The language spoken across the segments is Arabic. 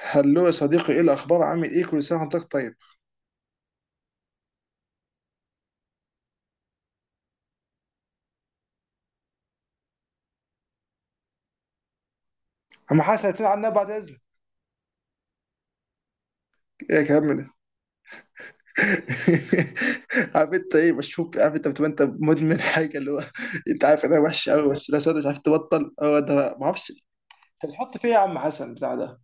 هلو يا صديقي، ايه الاخبار؟ عامل ايه؟ كل سنه وحضرتك طيب. اما حاسس هتنقل عنا بعد اذنك. ايه يا كلام من ده؟ عارف انت ايه؟ بشوف، عارف انت بتبقى انت مدمن حاجه اللي هو. انت عارف انها وحشه قوي، بس لا سواد، مش عارف تبطل. هو ده، ما اعرفش. انت بتحط فيه يا عم حسن بتاع ده؟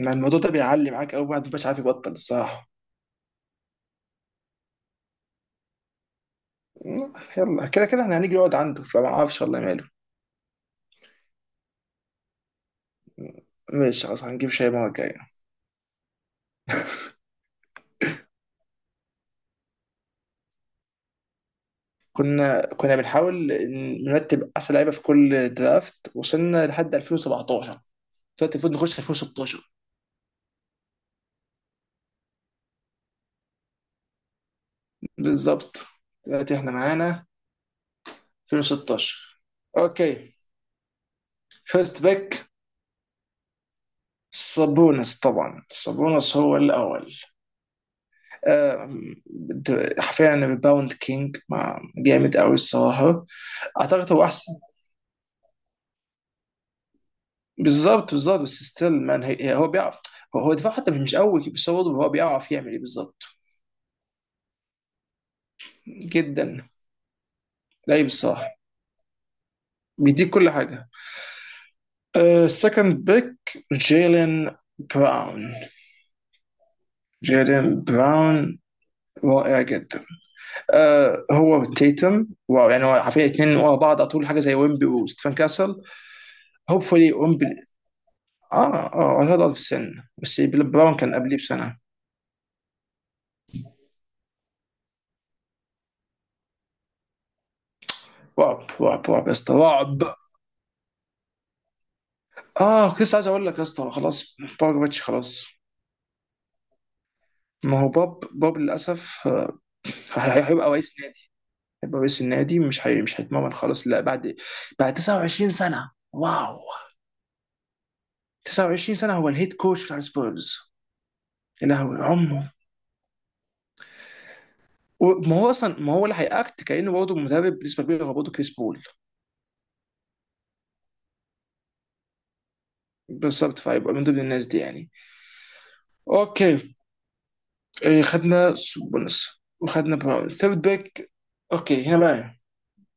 ما الموضوع ده بيعلي معاك قوي، بعد مش عارف يبطل الصراحه. يلا، كده كده احنا هنيجي نقعد عنده، فما اعرفش والله ماله. ماشي، خلاص هنجيب شاي المره الجايه. كنا بنحاول نرتب احسن لعيبه في كل درافت، وصلنا لحد 2017. دلوقتي المفروض نخش في 2016. بالظبط. دلوقتي احنا معانا 2016. اوكي، فيرست باك. سابونس، طبعا سابونس هو الاول. آم، حرفيا باوند كينج، مع جامد قوي الصراحه. اعتقد هو احسن. بالظبط. بس ستيل مان هو بيعرف. هو دفاع حتى مش قوي، بس هو برضه هو بيعرف يعمل ايه بالظبط. جدا. لعيب الصراحه. بيديك كل حاجه. السكند باك. جيلين. براون. جيلين براون. رائع جدا. آه، هو تيتم، واو. يعني هو عارفين اثنين ورا بعض على طول، حاجه زي ويمبي وستيفن كاسل. هوبفولي ويمبي. اه، هذا في السن بس براون كان قبليه بسنه. رعب رعب رعب يا اسطى، رعب. اه، كنت لسه عايز اقول لك يا اسطى، خلاص. بوجباتش، خلاص. ما هو بوب للاسف. هيبقى رئيس نادي. هيبقى رئيس النادي، مش هيتمرن خلاص، لا بعد 29 سنه، واو. 29 سنه هو الهيد كوتش بتاع السبيرز. يا لهوي عمره. وما هو اصلا، ما هو اللي هيأكت كأنه برضه مدرب بالنسبه كبيره، هو برضه كريس بول. بالظبط، فيبقى من ضمن الناس دي يعني. اوكي. إيه، خدنا سوبونس وخدنا براون. ثيرد باك. اوكي، هنا بقى.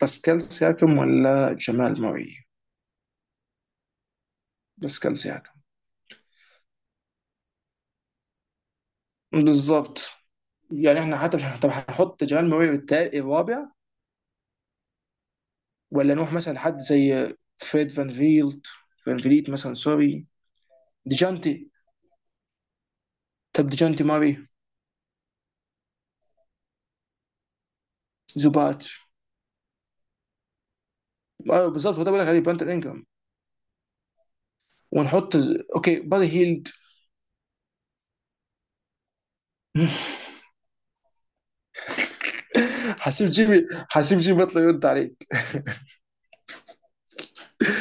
باسكال سياكم ولا جمال موري؟ باسكال سياكم. بالظبط. يعني احنا حتى مش، طب هنحط جمال موري التالت الرابع؟ ولا نروح مثلا لحد زي فريد فان فيلد. فان فيليت مثلا، سوري. ديجانتي. طب ديجانتي ماري. زوبات. آه، بالظبط، هو ده بقول لك عليه بانتر انجرام. ونحط. اوكي بادي هيلد. حسيب جيمي يطلع يرد عليك.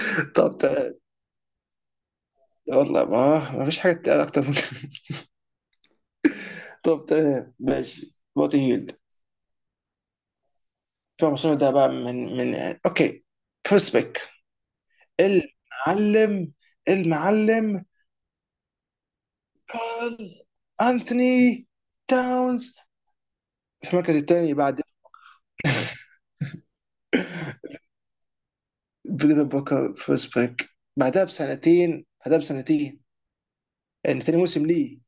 طب تمام. والله، ما فيش حاجه تتقال اكتر من كده. طب تمام، ماشي بادي هيلد. فمصطفى ده بقى، من. اوكي. فيرست بيك. المعلم. المعلم. كارل انثوني تاونز. في المركز الثاني بعد. ديفيد بوكر فيرست بيك. بعدها بسنتين. يعني ثاني موسم ليه.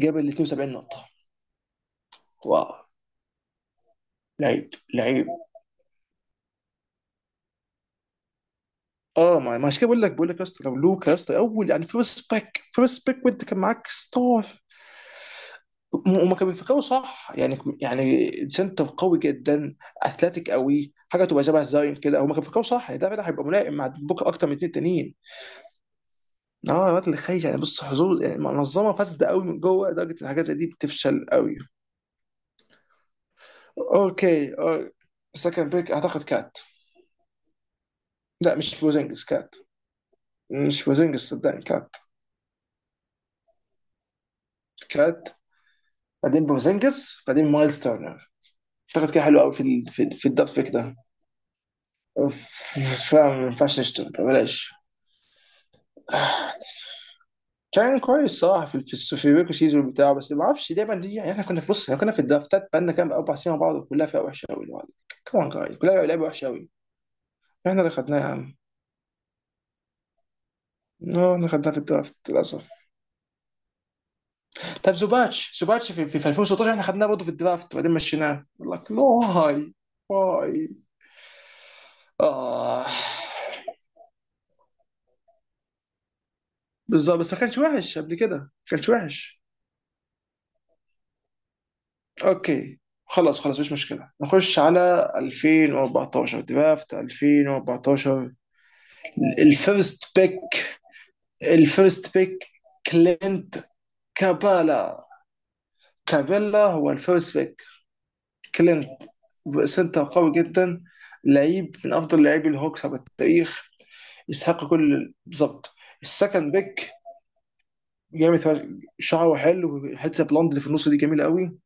جاب ال 72 نقطه. واو. لعيب لعيب. اه، ما عشان كده بقول لك يا اسطى، لو لوكا يا اسطى اول، يعني فيرست باك وانت كان معاك ستار. وما كان بيفكروا صح؟ يعني سنتر قوي جدا. اثلتيك قوي، حاجه تبقى شبه زاين كده، هما كانوا بيفكروا صح يعني ده فعلا هيبقى ملائم مع بوكا اكتر من اتنين تانيين. اه، الوقت اللي خايف يعني، بص، حظوظ يعني منظمه فاسده قوي من جوه لدرجه ان الحاجات زي دي بتفشل قوي. اوكي، اه. سكند بيك، اعتقد كات. لا، مش بوزنجس، كات. مش بوزنجس، صدقني كات. كات. بعدين بوزنجس، بعدين مايلز تيرنر. اشتغلت كده حلو قوي في ال- في في الدب بيك ده. فاهم ما ينفعش نشتغل بلاش. كان كويس صراحه في البيكو سيزون بتاعه، بس ما اعرفش دايما دي، يعني احنا كنا في، بص، احنا كنا في الدرافتات بقالنا كام اربع سنين مع بعض كلها فيها وحشه قوي لوحدك. كمان جاي كلها لعيبه وحشه قوي. احنا اللي خدناها يا عم. اه، احنا خدناها في الدرافت للاسف. طب زوباتش، في 2016 احنا خدناه برضه في الدرافت، وبعدين مشيناه لك واي. واي. اه بالظبط، بس ما كانش وحش قبل كده، ما كانش وحش. اوكي، خلاص خلاص، مش مشكله. نخش على 2014، درافت 2014. الفيرست بيك. الفيرست بيك. كلينت. كابالا. كابيلا هو الفيرست بيك. كلينت. سنتر قوي جدا. لعيب من افضل لاعبي الهوكس على التاريخ. يستحق كل، بالظبط. السكند بيك. جامد. شعره حلو. حته بلوند اللي في النص دي جميله قوي.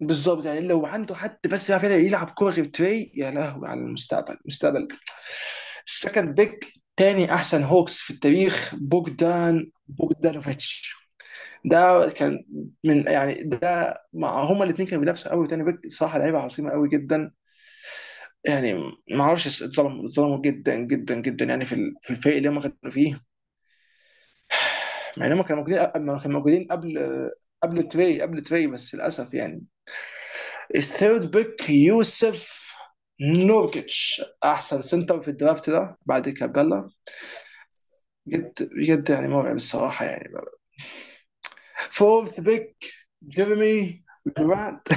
بالظبط، يعني لو عنده حد بس يعرف يلعب كوره غير تري، يا لهوي على المستقبل، مستقبل. السكند بيك، تاني احسن هوكس في التاريخ، بوجدان بوجدانوفيتش. ده كان. من، يعني ده مع هما الاثنين كانوا بينافسوا قوي. تاني بيك صراحه لعيبه عظيمه قوي جدا. يعني. ما اعرفش، اتظلموا اتظلموا جدا جدا جدا، يعني في الفريق اللي هم كانوا فيه. مع ان هم كانوا موجودين، أما كانوا موجودين قبل. قبل تري قبل تري، بس للاسف يعني. الثيرد بيك، يوسف. نوركيتش، احسن سنتر في الدرافت ده بعد كابيلا. بجد بجد يعني، مرعب الصراحه يعني. فورث بيك. جيرمي. جرانت.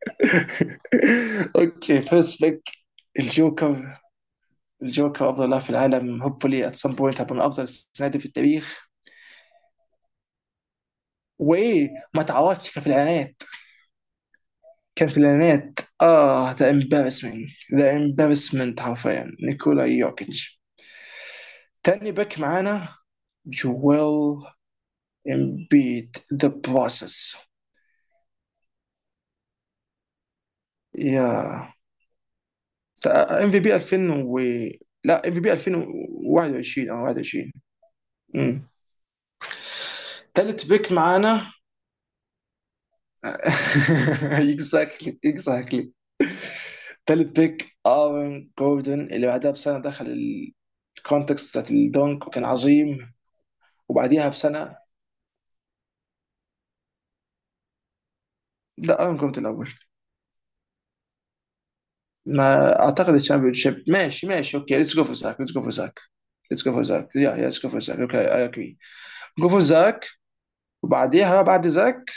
اوكي، فيرست بيك. الجوكر. الجوكر افضل لاعب في العالم، هوبفلي ات سم بوينت هبقى من افضل السنادي في التاريخ. وايه. ما تعوضش. كان في الاعلانات. كان في الاعلانات، اه ذا امبارسمنت. ذا امبارسمنت، حرفيا نيكولا يوكيتش. تاني باك معانا. جويل. امبيد ذا بروسس، يا. ام في بي 2000 و. لا، ام في بي 2021 او 21. امم. ثالث بيك معانا. اكزاكتلي اكزاكتلي. ثالث بيك ارون جوردن، اللي بعدها بسنه دخل الكونتكست بتاعت الدونك وكان عظيم. وبعديها بسنه. لا، ارون جوردن الاول. ما اعتقد الشامبيون شيب، ماشي ماشي، اوكي ليتس جو فور زاك، ليتس جو فور زاك. ليتس جو فور زاك يا، ليتس جو فور زاك، اوكي اي اجري. جو فور زاك. وبعديها بعد زاك.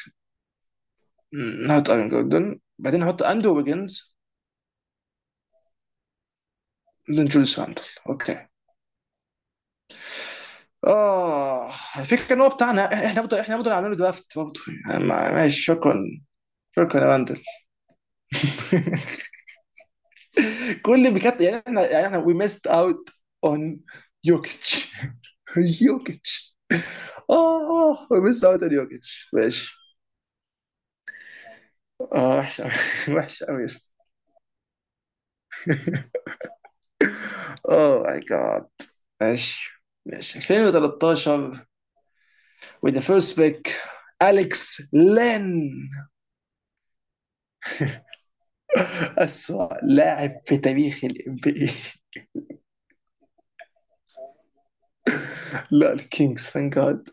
نحط ارين جوردن، بعدين نحط اندو ويجنز. بعدين جوليس راندل. اوكي. اه. الفكره ان هو بتاعنا احنا برضه، احنا برضه عاملين درافت برضه. يعني ماشي، شكرا. شكرا يا راندل. كل بجد يعني، احنا يعني احنا وي ميست اوت. اون. يوكيتش. يوكيتش. اه، وي ميست اوت اون يوكيتش، ماشي. اه وحشه أوي، وحشه قوي. اوه ماي جاد. ماشي. ماشي 2013. With the first pick. أليكس لين. أسوأ لاعب في تاريخ الام بي اي. لا، الكينجز، ثانك جاد.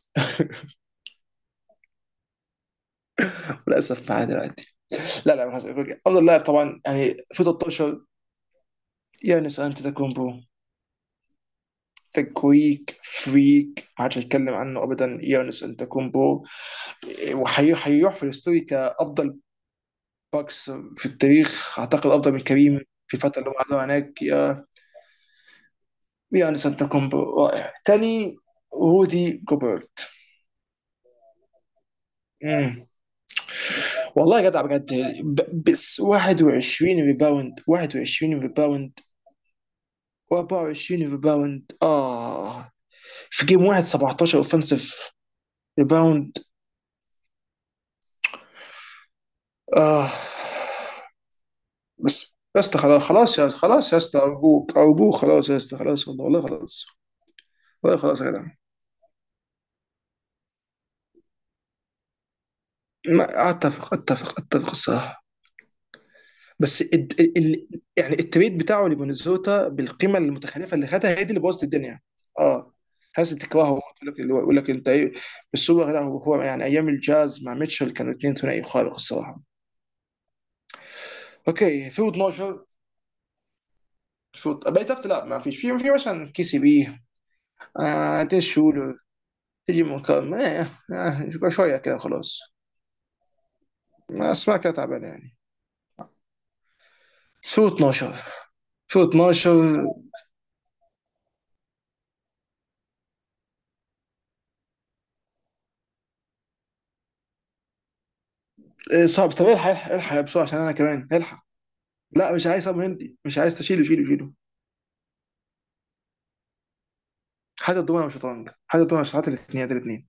للأسف معاه دلوقتي. لا لا، خلاص، أوكي. أفضل لاعب طبعا يعني في 13. يانس أنتetokounمبو. ذا جريك فريك، ما حدش هيتكلم عنه ابدا، يانس انتكومبو. وهيروح في الهستوري كافضل. باكس في التاريخ، اعتقد افضل من كريم. في الفتره اللي هم قعدوها هناك، يا. يانس انتكومبو، رائع تاني. رودي جوبرت. مم. والله يا جدع، بجد يعني بس 21 ريباوند، 21 ريباوند. 24 ريباوند، اه. في جيم واحد، 17 اوفنسيف ريباوند. اه. بس يا اسطى خلاص، خلاص يا، خلاص يا اسطى، ارجوك ارجوك، خلاص يا اسطى، خلاص والله خلاص. والله خلاص يا جدع. اتفق اتفق اتفق الصراحه. بس يعني التريد بتاعه لمينيسوتا بالقيمه المتخلفه، اللي خدها هي دي اللي بوظت الدنيا. اه. الناس بتكرهه، يقول لك انت ايه. بس هو لا، هو يعني ايام الجاز مع ميتشل كانوا اثنين ثنائي خارق الصراحه. اوكي، في 12. في بقيت لا، ما فيش، في مثلا كي سي بي. آه، ديش شولر. تيجي من كام، آه. آه شويه كده خلاص. ما اسمع كده تعبان يعني. في 12. في 12. آه، صعب. طب الحق الحق الحق يا بسرعه عشان انا كمان الحق. لا مش عايز ابو هندي، مش عايز، تشيله شيله شيله. حتى الدمى وشطرنج، حتى الدمى وشطرنج، الاثنين الاثنين.